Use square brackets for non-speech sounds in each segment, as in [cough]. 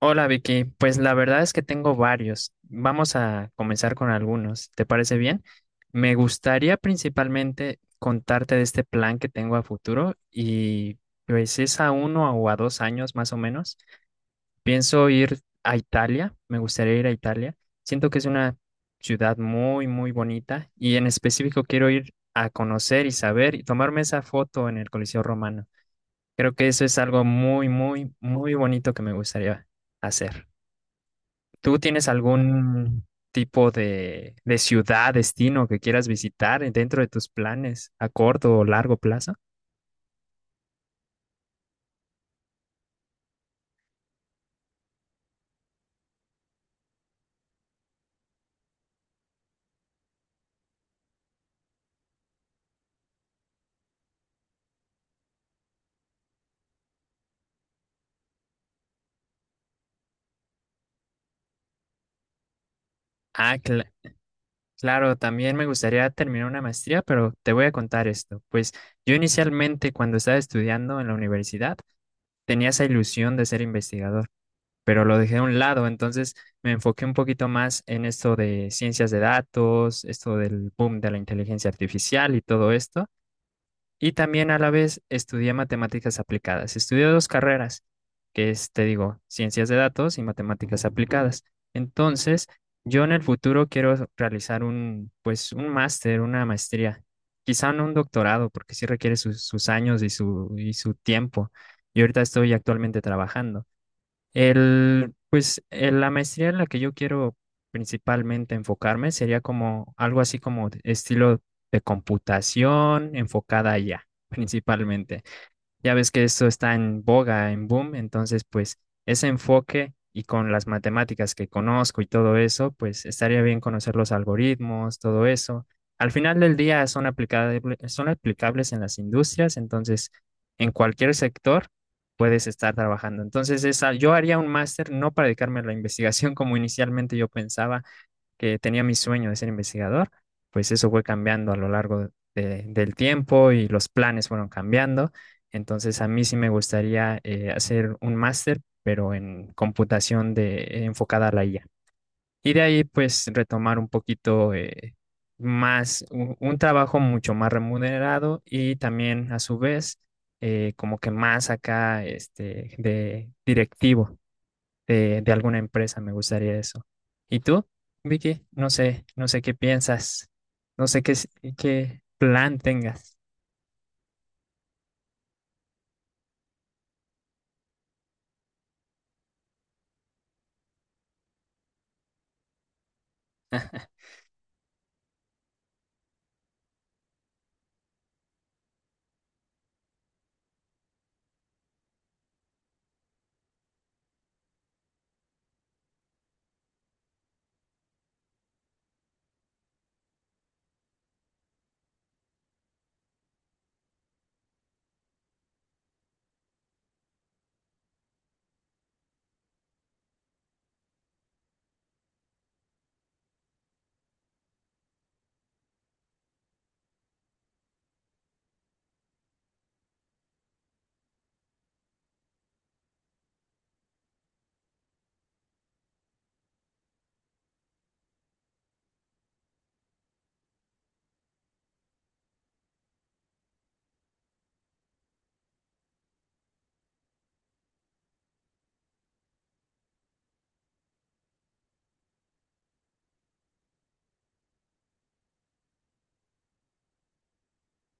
Hola Vicky, pues la verdad es que tengo varios. Vamos a comenzar con algunos. ¿Te parece bien? Me gustaría principalmente contarte de este plan que tengo a futuro y pues es a uno o a dos años más o menos. Pienso ir a Italia, me gustaría ir a Italia. Siento que es una ciudad muy, muy bonita y en específico quiero ir a conocer y saber y tomarme esa foto en el Coliseo Romano. Creo que eso es algo muy, muy, muy bonito que me gustaría hacer. ¿Tú tienes algún tipo de ciudad, destino que quieras visitar dentro de tus planes a corto o largo plazo? Ah, cla- claro, también me gustaría terminar una maestría, pero te voy a contar esto. Pues yo inicialmente cuando estaba estudiando en la universidad tenía esa ilusión de ser investigador, pero lo dejé a un lado, entonces me enfoqué un poquito más en esto de ciencias de datos, esto del boom de la inteligencia artificial y todo esto. Y también a la vez estudié matemáticas aplicadas. Estudié dos carreras, que es, te digo, ciencias de datos y matemáticas aplicadas. Entonces, yo en el futuro quiero realizar un, pues, un máster, una maestría. Quizá no un doctorado, porque sí requiere sus años y su tiempo. Y ahorita estoy actualmente trabajando. El, pues la maestría en la que yo quiero principalmente enfocarme sería como algo así como de estilo de computación enfocada allá, principalmente. Ya ves que eso está en boga, en boom, entonces pues ese enfoque y con las matemáticas que conozco y todo eso, pues estaría bien conocer los algoritmos, todo eso. Al final del día son aplicables en las industrias, entonces en cualquier sector puedes estar trabajando. Entonces esa, yo haría un máster no para dedicarme a la investigación [laughs] como inicialmente yo pensaba, que tenía mi sueño de ser investigador, pues eso fue cambiando a lo largo del tiempo y los planes fueron cambiando. Entonces a mí sí me gustaría hacer un máster, pero en computación de, enfocada a la IA. Y de ahí pues retomar un poquito más, un trabajo mucho más remunerado y también a su vez como que más acá este, de directivo de alguna empresa, me gustaría eso. ¿Y tú, Vicky? No sé, no sé qué piensas, no sé qué, s- qué plan tengas.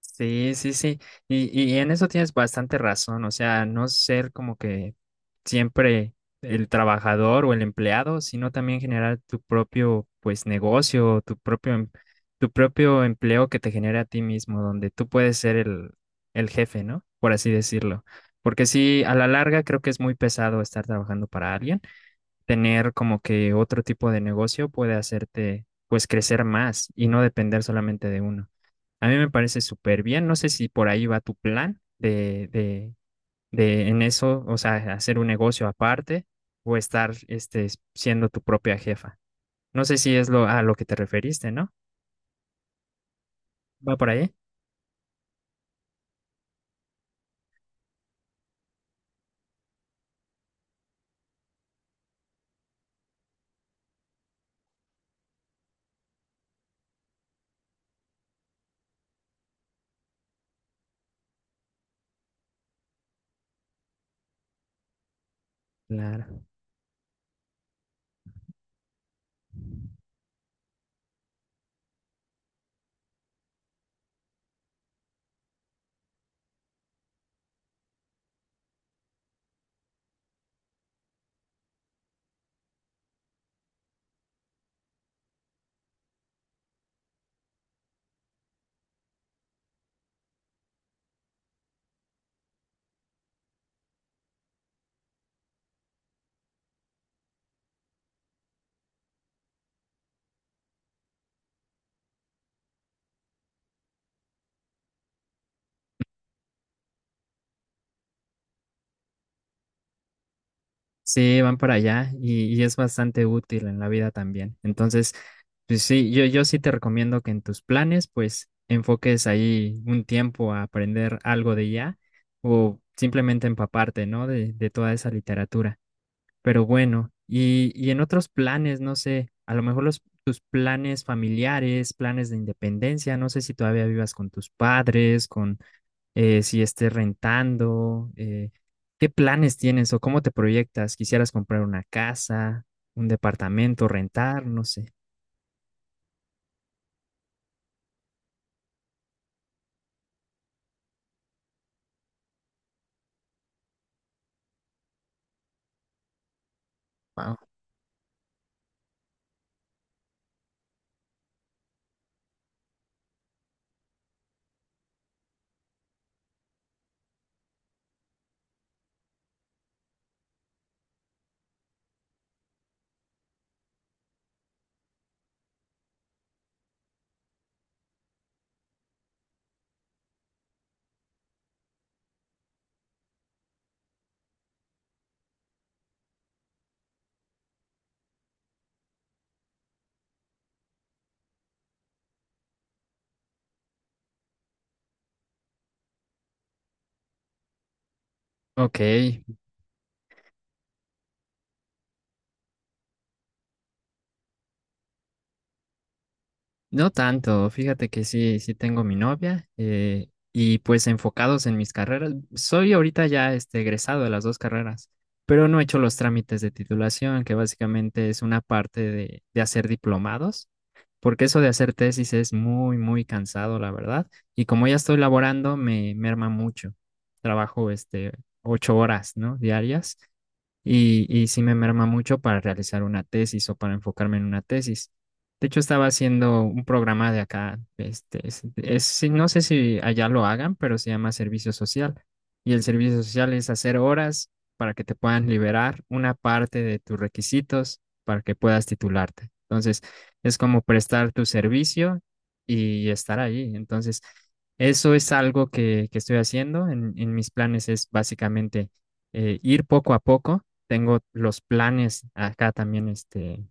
Sí, sí, sí. Y en eso tienes bastante razón. O sea, no ser como que siempre el trabajador o el empleado, sino también generar tu propio, pues, negocio, tu propio empleo que te genere a ti mismo, donde tú puedes ser el jefe, ¿no? Por así decirlo. Porque sí, a la larga creo que es muy pesado estar trabajando para alguien. Tener como que otro tipo de negocio puede hacerte, pues, crecer más y no depender solamente de uno. A mí me parece súper bien. No sé si por ahí va tu plan de en eso, o sea, hacer un negocio aparte o estar este, siendo tu propia jefa. No sé si es lo a lo que te referiste, ¿no? ¿Va por ahí? Claro. Sí, van para allá y es bastante útil en la vida también. Entonces, pues sí, yo sí te recomiendo que en tus planes, pues enfoques ahí un tiempo a aprender algo de ya o simplemente empaparte, ¿no? De toda esa literatura. Pero bueno, y en otros planes, no sé, a lo mejor tus planes familiares, planes de independencia, no sé si todavía vivas con tus padres, con si estés rentando, ¿qué planes tienes o cómo te proyectas? ¿Quisieras comprar una casa, un departamento, rentar? No sé. Wow. Ok. No tanto, fíjate que sí, sí tengo mi novia y pues enfocados en mis carreras. Soy ahorita ya este, egresado de las dos carreras, pero no he hecho los trámites de titulación, que básicamente es una parte de hacer diplomados, porque eso de hacer tesis es muy, muy cansado, la verdad. Y como ya estoy laborando, me merma mucho. Trabajo este, 8 horas, ¿no? Diarias y sí me merma mucho para realizar una tesis o para enfocarme en una tesis. De hecho, estaba haciendo un programa de acá, este, sí, no sé si allá lo hagan, pero se llama servicio social. Y el servicio social es hacer horas para que te puedan liberar una parte de tus requisitos para que puedas titularte. Entonces, es como prestar tu servicio y estar ahí. Entonces, eso es algo que estoy haciendo. En mis planes es básicamente ir poco a poco, tengo los planes acá también, este,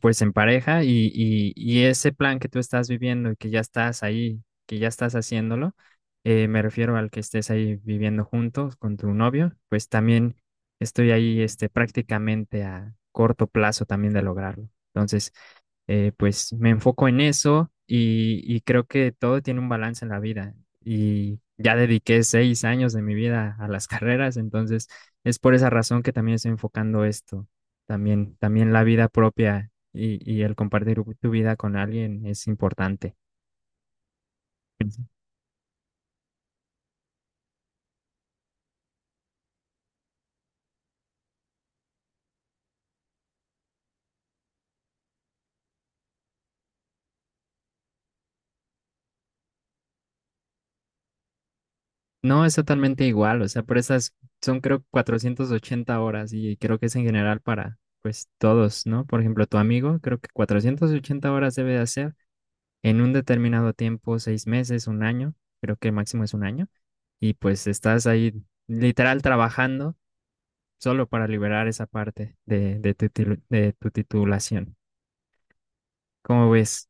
pues en pareja y, y ese plan que tú estás viviendo y que ya estás ahí, que ya estás haciéndolo, me refiero al que estés ahí viviendo juntos con tu novio, pues también estoy ahí, este, prácticamente a corto plazo también de lograrlo. Entonces, pues me enfoco en eso y creo que todo tiene un balance en la vida. Y ya dediqué 6 años de mi vida a las [laughs] carreras, entonces es por esa razón que también estoy enfocando esto. También, también la vida propia y el compartir tu vida con alguien es importante. No, es totalmente igual, o sea, por esas son creo 480 horas y creo que es en general para pues todos, ¿no? Por ejemplo, tu amigo, creo que 480 horas debe de hacer en un determinado tiempo, 6 meses, un año, creo que el máximo es un año, y pues estás ahí literal trabajando solo para liberar esa parte de tu, de tu titulación. ¿Cómo ves?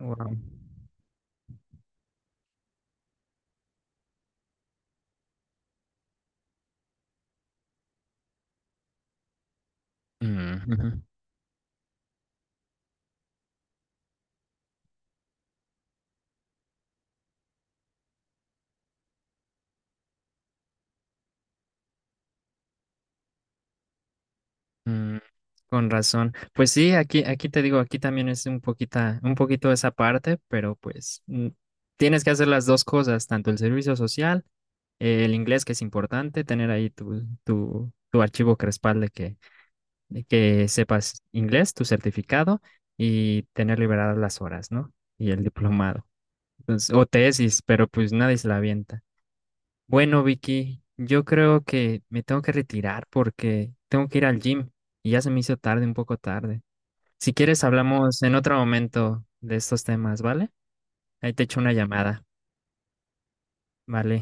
Wow. Mm, ujú, mm, con razón. Pues sí, aquí, aquí te digo, aquí también es un poquita, un poquito esa parte, pero pues mm, tienes que hacer las dos cosas, tanto el servicio social, el inglés que es importante, tener ahí tu archivo que respalde que, de que sepas inglés, tu certificado y tener liberadas las horas, ¿no? Y el diplomado. Entonces, o tesis, pero pues nadie se la avienta. Bueno, Vicky, yo creo que me tengo que retirar porque tengo que ir al gym y ya se me hizo tarde, un poco tarde. Si quieres, hablamos en otro momento de estos temas, ¿vale? Ahí te echo una llamada, ¿vale?